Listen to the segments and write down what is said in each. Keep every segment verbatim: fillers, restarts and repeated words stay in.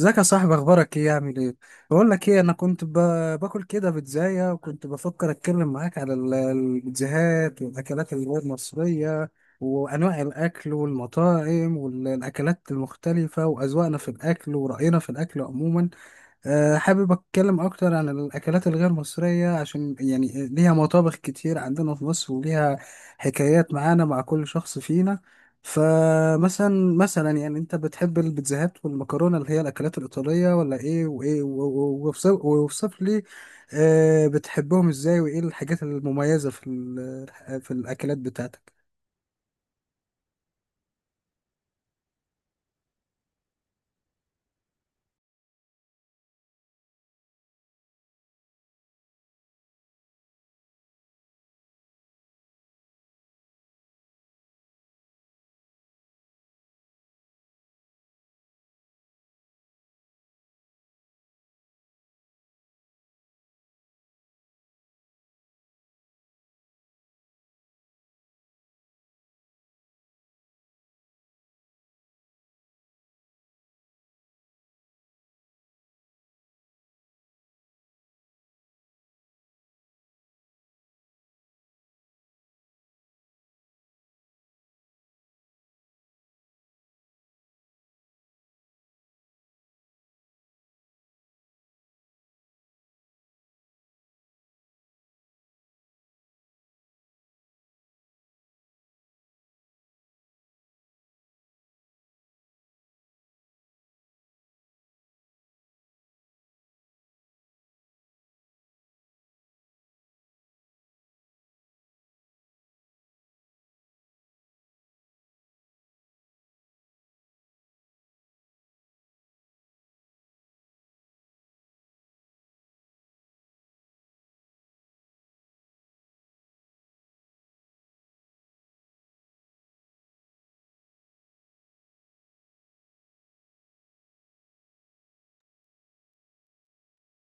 ازيك يا صاحبي؟ اخبارك ايه؟ عامل ايه؟ بقول لك ايه، انا كنت ب... باكل كده بيتزاية، وكنت بفكر اتكلم معاك على ال- البيتزاهات والاكلات اللي هو المصرية، وانواع الاكل والمطاعم والاكلات المختلفة واذواقنا في الاكل ورأينا في الاكل عموما. آه، حابب أتكلم أكتر عن الأكلات الغير مصرية، عشان يعني ليها مطابخ كتير عندنا في مصر، وليها حكايات معانا مع كل شخص فينا. فمثلا مثلا يعني، أنت بتحب البيتزاهات والمكرونة اللي هي الأكلات الإيطالية، ولا إيه؟ وإيه و- و- واوصف واوصف لي آه، بتحبهم إزاي، وإيه الحاجات المميزة في ال- في الأكلات بتاعتك؟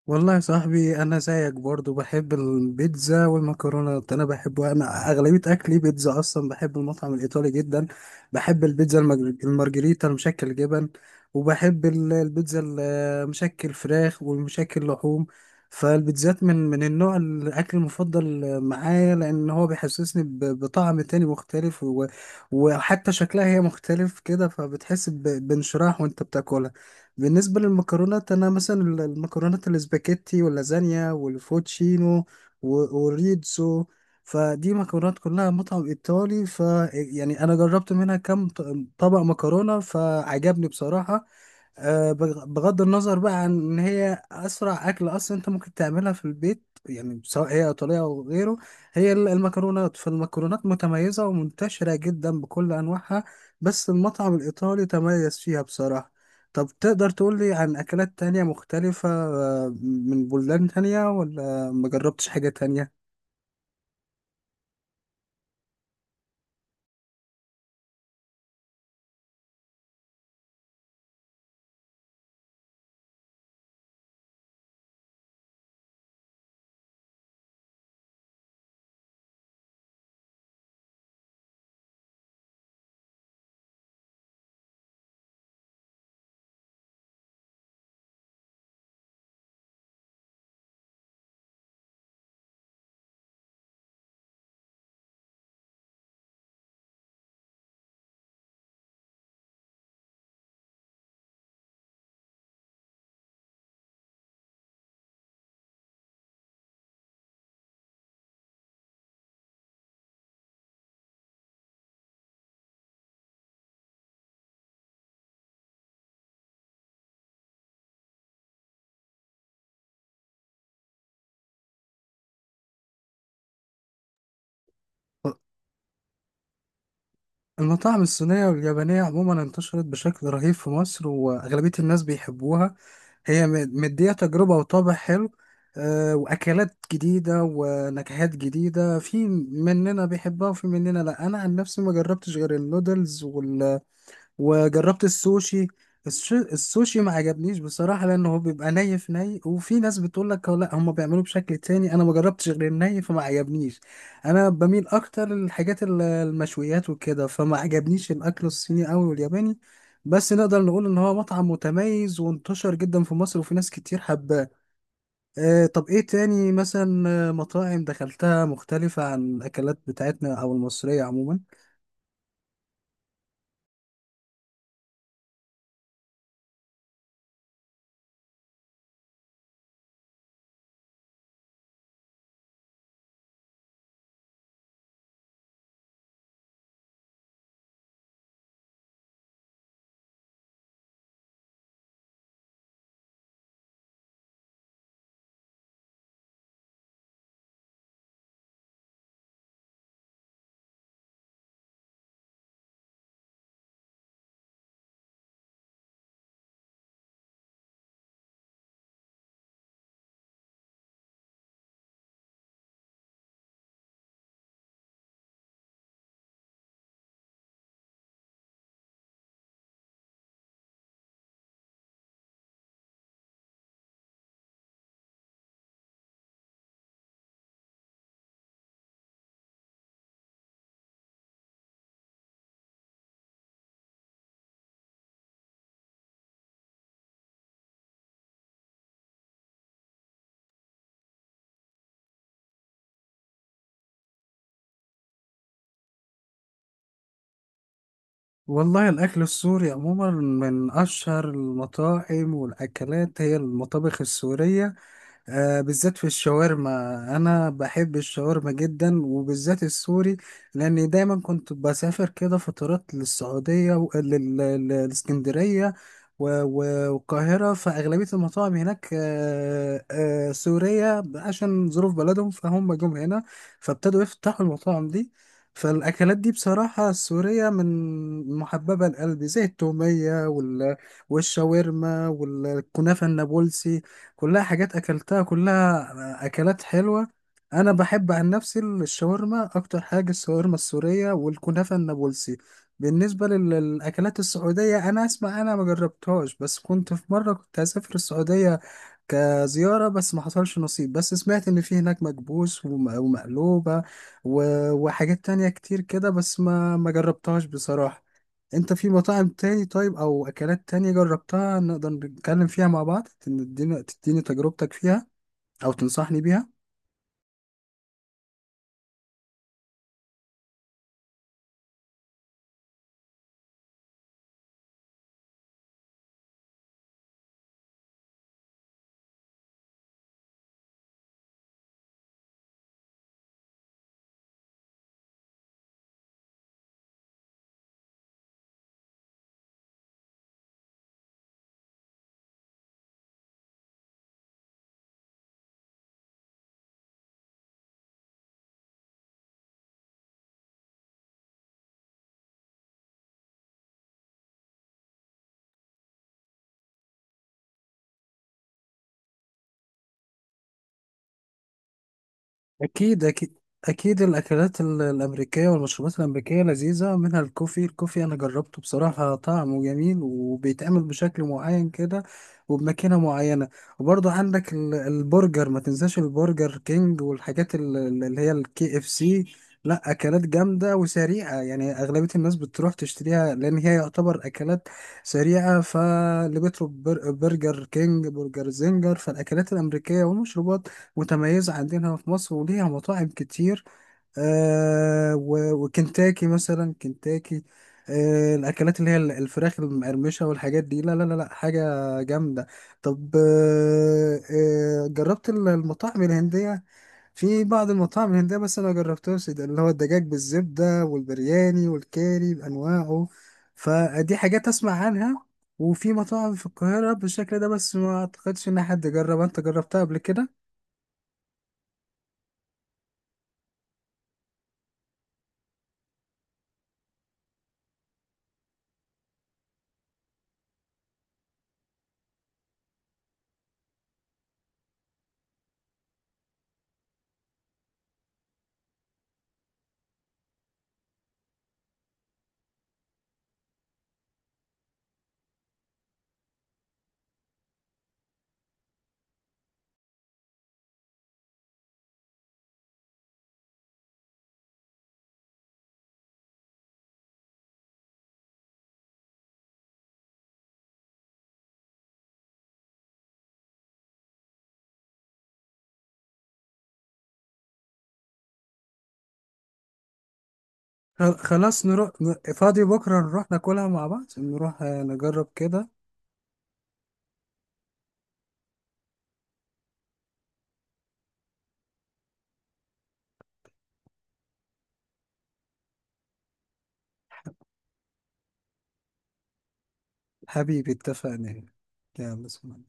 والله يا صاحبي، انا زيك برضو بحب البيتزا والمكرونات. انا بحبها، انا اغلبيه اكلي بيتزا اصلا. بحب المطعم الايطالي جدا. بحب البيتزا المج- المارجريتا، المشكل جبن، وبحب ال- البيتزا المشكل فراخ والمشكل لحوم. فالبيتزات من من النوع الاكل المفضل معايا، لان هو بيحسسني ب- بطعم تاني مختلف. و- وحتى شكلها هي مختلف كده، فبتحس ب- بانشراح وانت بتاكلها. بالنسبة للمكرونات، أنا مثلا ال- المكرونات الاسباجيتي واللازانيا والفوتشينو و- والريتزو. فدي مكرونات كلها مطعم إيطالي، ف يعني أنا جربت منها كم ط- طبق مكرونة، فعجبني بصراحة. آه، بغ- بغض النظر بقى عن ان هي اسرع اكل اصلا، انت ممكن تعملها في البيت، يعني سواء هي ايطاليه او غيره. هي ال- المكرونات، فالمكرونات متميزه ومنتشره جدا بكل انواعها. بس المطعم الايطالي تميز فيها بصراحه. طب تقدر تقول لي عن اكلات تانية مختلفه، آه، من بلدان تانية، ولا مجربتش حاجه تانية؟ المطاعم الصينية واليابانية عموما انتشرت بشكل رهيب في مصر، وأغلبية الناس بيحبوها. هي مد- مدية تجربة وطابع حلو، آه، وأكلات جديدة ونكهات جديدة. في مننا بيحبها وفي مننا لأ. أنا عن نفسي ما جربتش غير النودلز، وجربت السوشي. الش- السوشي ما عجبنيش بصراحة، لأنه هو بيبقى ني في ني، وفي ناس بتقول لك لا، هم بيعملوه بشكل تاني. أنا ما جربتش غير الني، فما عجبنيش. أنا بميل أكتر للحاجات ال- المشويات وكده، فما عجبنيش الأكل الصيني أوي والياباني. بس نقدر نقول إن هو مطعم متميز وانتشر جدا في مصر، وفي ناس كتير حباه. آه طب إيه تاني مثلا، آه، مطاعم دخلتها مختلفة عن الأكلات بتاعتنا أو المصرية عموما؟ والله الأكل السوري عموما من أشهر المطاعم، والأكلات هي المطابخ السورية. آه، بالذات في الشاورما. انا بحب الشاورما جدا، وبالذات السوري، لاني دايما كنت بسافر كده فترات للسعوديه والاسكندريه والقاهره. فاغلبيه المطاعم هناك آه، آه، سوريه، عشان ظروف بلدهم فهم جم هنا، فابتدوا يفتحوا المطاعم دي. فالاكلات دي بصراحه السوريه من محببه لقلبي، زي التوميه وال- والشاورما والكنافه النابلسي. كلها حاجات اكلتها، كلها اكلات حلوه. انا بحب عن نفسي الشاورما اكتر حاجه، الشاورما السوريه والكنافه النابلسي. بالنسبه لل- للاكلات السعوديه، انا اسمع، انا ما جربتهاش. بس كنت في مره كنت هسافر السعوديه كزياره، بس ما حصلش نصيب. بس سمعت ان في هناك مكبوس وم- ومقلوبه و- وحاجات تانية كتير كده، بس ما ما جربتهاش بصراحه. انت في مطاعم تاني طيب، او اكلات تانية جربتها نقدر نتكلم فيها مع بعض، تديني تديني تجربتك فيها، او تنصحني بيها؟ أكيد، أكيد. أكيد الأكلات ال- الأمريكية والمشروبات الأمريكية لذيذة. منها الكوفي. الكوفي أنا جربته بصراحة، طعمه جميل وبيتعمل بشكل معين كده، وبماكينة معينة. وبرضه عندك ال- البرجر، ما تنساش البرجر كينج والحاجات ال- ال- اللي هي الكي اف سي. لا، أكلات جامدة وسريعة، يعني أغلبية الناس بتروح تشتريها، لأن هي يعتبر أكلات سريعة. فاللي بيطلب بر- برجر كينج، برجر زنجر. فالأكلات الأمريكية والمشروبات متميزة عندنا في مصر، وليها مطاعم كتير. آه و- وكنتاكي مثلا، كنتاكي، آه الأكلات اللي هي ال- الفراخ المقرمشة والحاجات دي، لا لا لا لا، حاجة جامدة. طب آه، آه جربت ال- المطاعم الهندية. في بعض المطاعم الهندية بس أنا مجربتهاش، ده اللي هو الدجاج بالزبدة والبرياني والكاري بأنواعه. فدي حاجات أسمع عنها، وفي مطاعم في القاهرة بالشكل ده، بس ما أعتقدش إن حد جرب. أنت جربتها قبل كده؟ خل- خلاص، نروح ن- فاضي بكرة نروح ناكلها مع بعض. نروح آه، نجرب كده. حبيبي، اتفقنا. يلا، سلام.